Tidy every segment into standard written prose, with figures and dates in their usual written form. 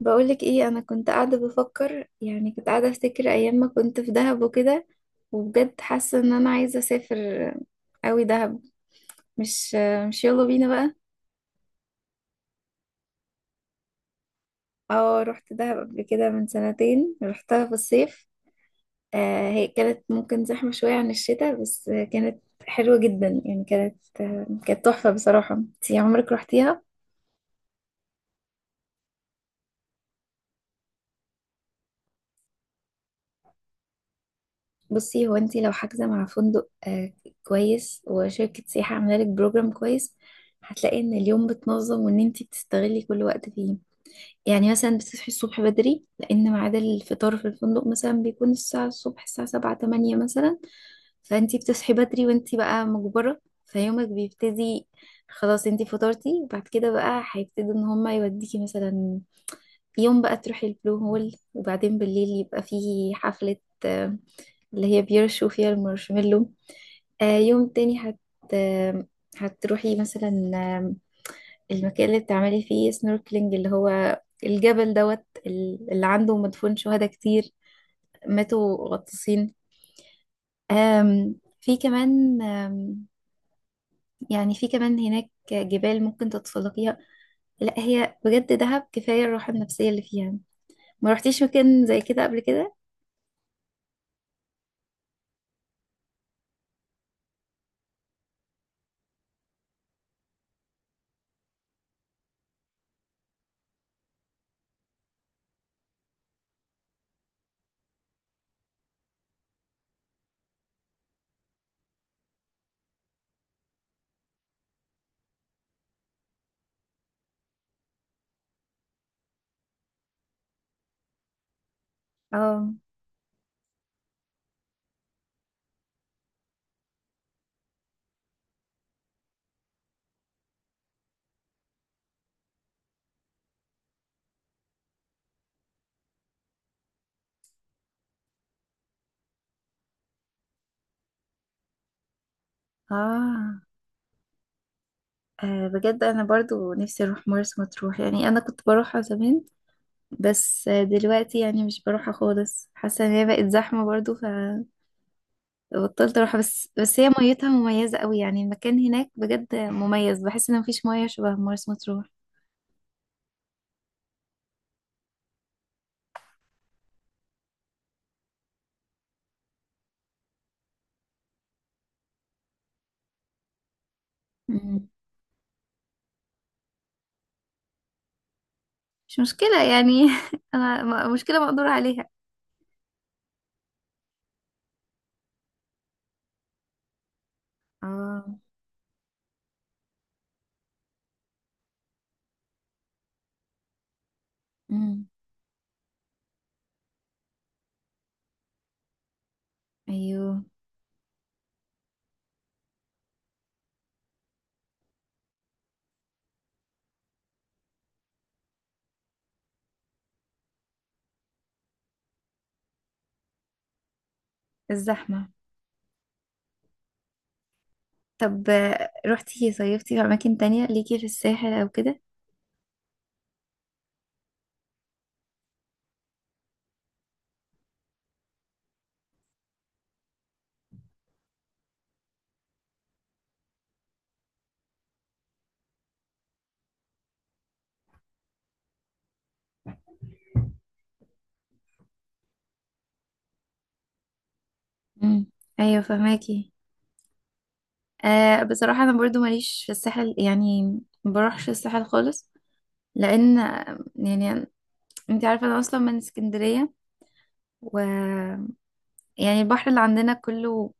بقولك ايه، انا كنت قاعده بفكر، يعني كنت قاعده افتكر ايام ما كنت في دهب وكده. وبجد حاسه ان انا عايزه اسافر قوي دهب. مش مش يلا بينا بقى. اه، رحت دهب قبل كده من سنتين، رحتها في الصيف. آه، هي كانت ممكن زحمه شويه عن الشتاء، بس كانت حلوه جدا، يعني كانت تحفه بصراحه. انتي عمرك رحتيها؟ بصي، هو انت لو حاجزه مع فندق كويس وشركه سياحه عامله لك بروجرام كويس، هتلاقي ان اليوم بتنظم وان انت بتستغلي كل وقت فيه. يعني مثلا بتصحي الصبح بدري، لان ميعاد الفطار في الفندق مثلا بيكون الساعه الصبح، الساعه 7 8 مثلا. فانت بتصحي بدري وانت بقى مجبره، فيومك بيبتدي. خلاص، انت فطرتي بعد كده بقى هيبتدي ان هما يوديكي مثلا يوم بقى تروحي البلو هول، وبعدين بالليل يبقى فيه حفلة، آه، اللي هي بيرشوا فيها المارشميلو. يوم تاني آه، هتروحي مثلا المكان اللي بتعملي فيه سنوركلينج، اللي هو الجبل دوت اللي عنده مدفون شهداء كتير، ماتوا غطاسين. آم، في كمان يعني في كمان هناك جبال ممكن تتسلقيها. لا هي بجد دهب كفاية الراحة النفسية اللي فيها. ما رحتيش مكان زي كده قبل كده؟ اه. آه. آه، بجد أنا برضو نفسي أروح مرسى مطروح، يعني أنا كنت بروحها زمان، بس دلوقتي يعني مش بروحها خالص، حاسة إن هي بقت زحمة برضو، فبطلت أروحها. بس هي ميتها مميزة قوي، يعني المكان هناك بجد مميز. بحس إن مفيش مية شبه مرسى مطروح. مم. مش مشكلة يعني. أنا مشكلة مقدور عليها. آه. مم. أيوه. الزحمة. طب روحتي صيفتي في أماكن تانية ليكي في الساحل أو كده؟ مم. أيوه، فهماكي. آه، بصراحة أنا برضو ماليش في الساحل يعني، ما بروحش الساحل خالص. لأن يعني أنت عارفة أنا أصلا من اسكندرية، و يعني البحر اللي عندنا كله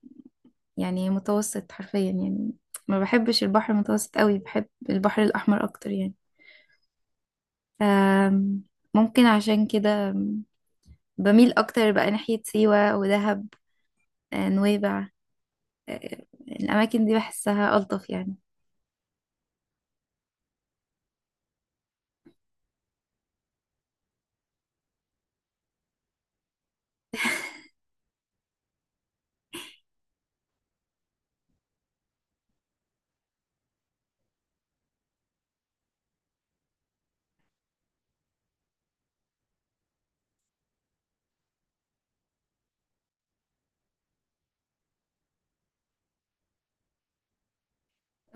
يعني متوسط حرفيا، يعني ما بحبش البحر المتوسط قوي، بحب البحر الأحمر أكتر يعني. آم، ممكن عشان كده بميل أكتر بقى ناحية سيوة ودهب، نويبع، الأماكن دي بحسها ألطف يعني.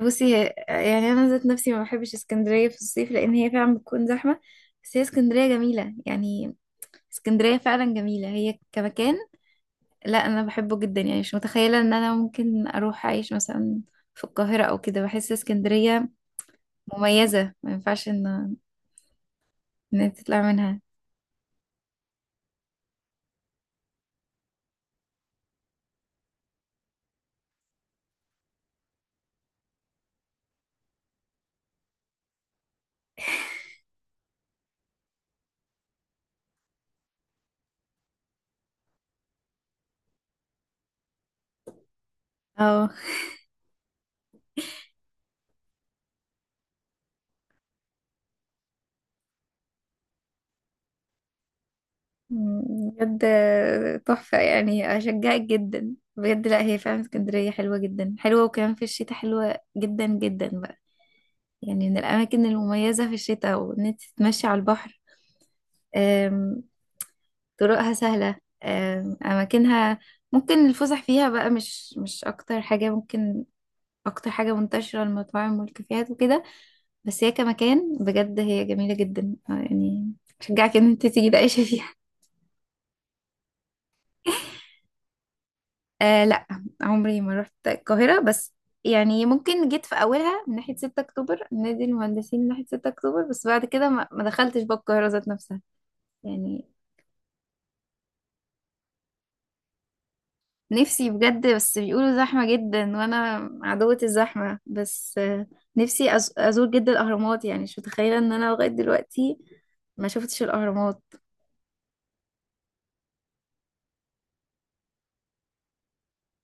بصي يعني انا ذات نفسي ما بحبش اسكندريه في الصيف لان هي فعلا بتكون زحمه، بس هي اسكندريه جميله يعني، اسكندريه فعلا جميله هي كمكان. لا انا بحبه جدا يعني، مش متخيله ان انا ممكن اروح اعيش مثلا في القاهره او كده. بحس اسكندريه مميزه، ما ينفعش ان انت تطلع منها. اه. بجد تحفه، يعني اشجعك جدا بجد. لا هي فعلا اسكندريه حلوه جدا حلوه، وكمان في الشتاء حلوه جدا جدا. يعني من الأماكن المميزة في الشتاء وإن أنت تتمشي على البحر. أم، طرقها سهلة، أماكنها ممكن الفسح فيها بقى، مش أكتر حاجة ممكن. أكتر حاجة منتشرة المطاعم والكافيهات وكده. بس هي كمكان بجد هي جميلة جدا يعني شجعك إن أنت تيجي تعيشي فيها. آه، لا. عمري ما رحت القاهرة، بس يعني ممكن جيت في أولها من ناحية 6 أكتوبر، نادي المهندسين، من ناحية 6 أكتوبر، بس بعد كده ما دخلتش بقى القاهرة ذات نفسها يعني. نفسي بجد، بس بيقولوا زحمة جدا وانا عدوة الزحمة، بس نفسي ازور جدا الاهرامات. يعني مش متخيلة ان انا لغاية دلوقتي ما شفتش الاهرامات.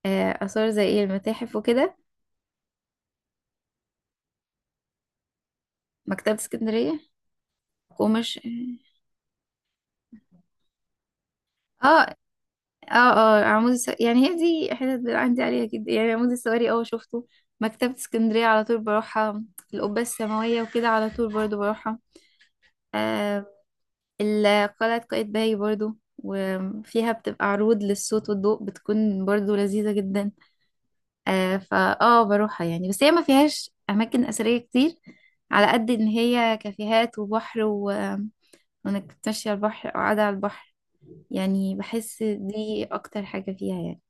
اثار زي ايه؟ المتاحف وكده. مكتبة اسكندرية. قمش. اه، اه، اه، عمود يعني هي دي حتت اللي عندي عليها جدا، يعني عمود السواري، اه شفته. مكتبة اسكندرية على طول بروحها. القبة السماوية وكده على طول برضو بروحها. آم، قلعة قايتباي برضو، وفيها بتبقى عروض للصوت والضوء بتكون برضو لذيذة جدا. فا بروحها يعني، بس هي ما فيهاش أماكن أثرية كتير، على قد إن هي كافيهات وبحر، و... وإنك تمشي على البحر أو قاعدة على البحر. يعني بحس دي أكتر حاجة فيها يعني.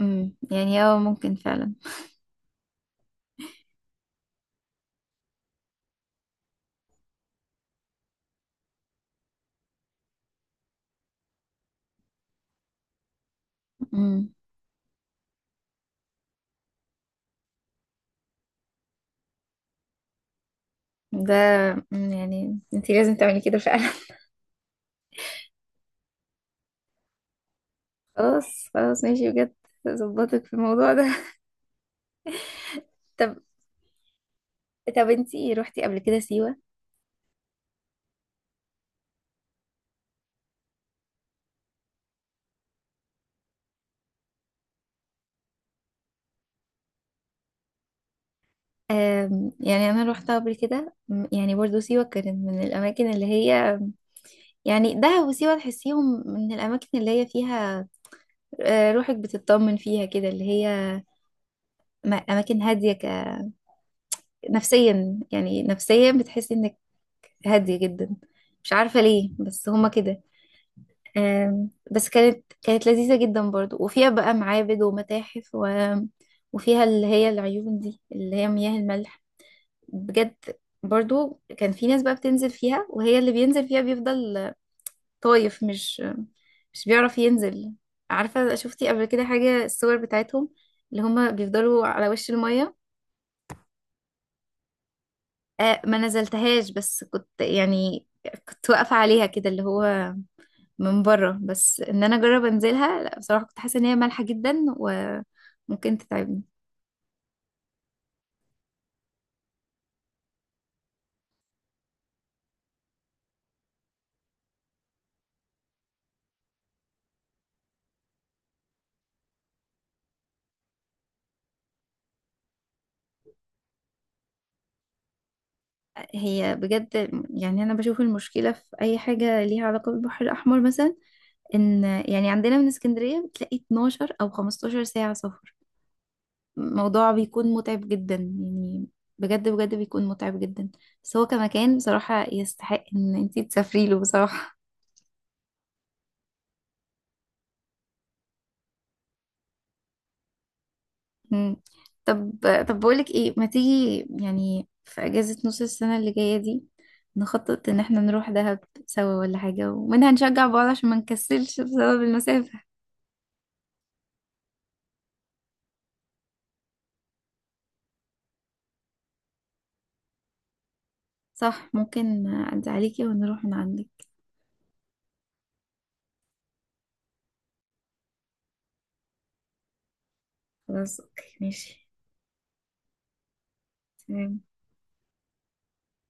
يعني ممكن فعلا. امم ده مم، يعني انتي لازم تعملي كده فعلا. خلاص خلاص ماشي بجد، ظبطك في الموضوع ده. طب، طب انتي روحتي قبل كده سيوة؟ يعني أنا روحتها قبل كده، يعني برضو سيوة كانت من الأماكن اللي هي، يعني دهب وسيوة تحسيهم من الأماكن اللي هي فيها روحك بتطمن فيها كده، اللي هي أماكن هادية نفسيا، يعني نفسيا بتحسي إنك هادية جدا. مش عارفة ليه بس هما كده. بس كانت لذيذة جدا برضو، وفيها بقى معابد ومتاحف، و... وفيها اللي هي العيون دي اللي هي مياه الملح. بجد برضو كان في ناس بقى بتنزل فيها، وهي اللي بينزل فيها بيفضل طايف، مش بيعرف ينزل. عارفة، شفتي قبل كده حاجة الصور بتاعتهم اللي هما بيفضلوا على وش المية؟ آه، ما نزلتهاش، بس كنت يعني كنت واقفة عليها كده، اللي هو من بره. بس ان انا اجرب انزلها، لا بصراحة كنت حاسة ان هي مالحة جدا وممكن تتعبني. هي بجد، يعني أنا بشوف المشكلة في أي حاجة ليها علاقة بالبحر الأحمر مثلا، إن يعني عندنا من اسكندرية بتلاقي 12 أو 15 ساعة سفر. الموضوع بيكون متعب جدا يعني، بجد بجد بيكون متعب جدا. بس هو كمكان بصراحة يستحق إن انتي تسافري له بصراحة. مم. طب، طب بقولك ايه، ما تيجي يعني في أجازة نص السنة اللي جاية دي نخطط إن احنا نروح دهب سوا ولا حاجة، ومنها نشجع بعض عشان ما نكسلش بسبب المسافة. صح، ممكن أعدي عليكي ونروح من عندك. خلاص أوكي ماشي. تمام.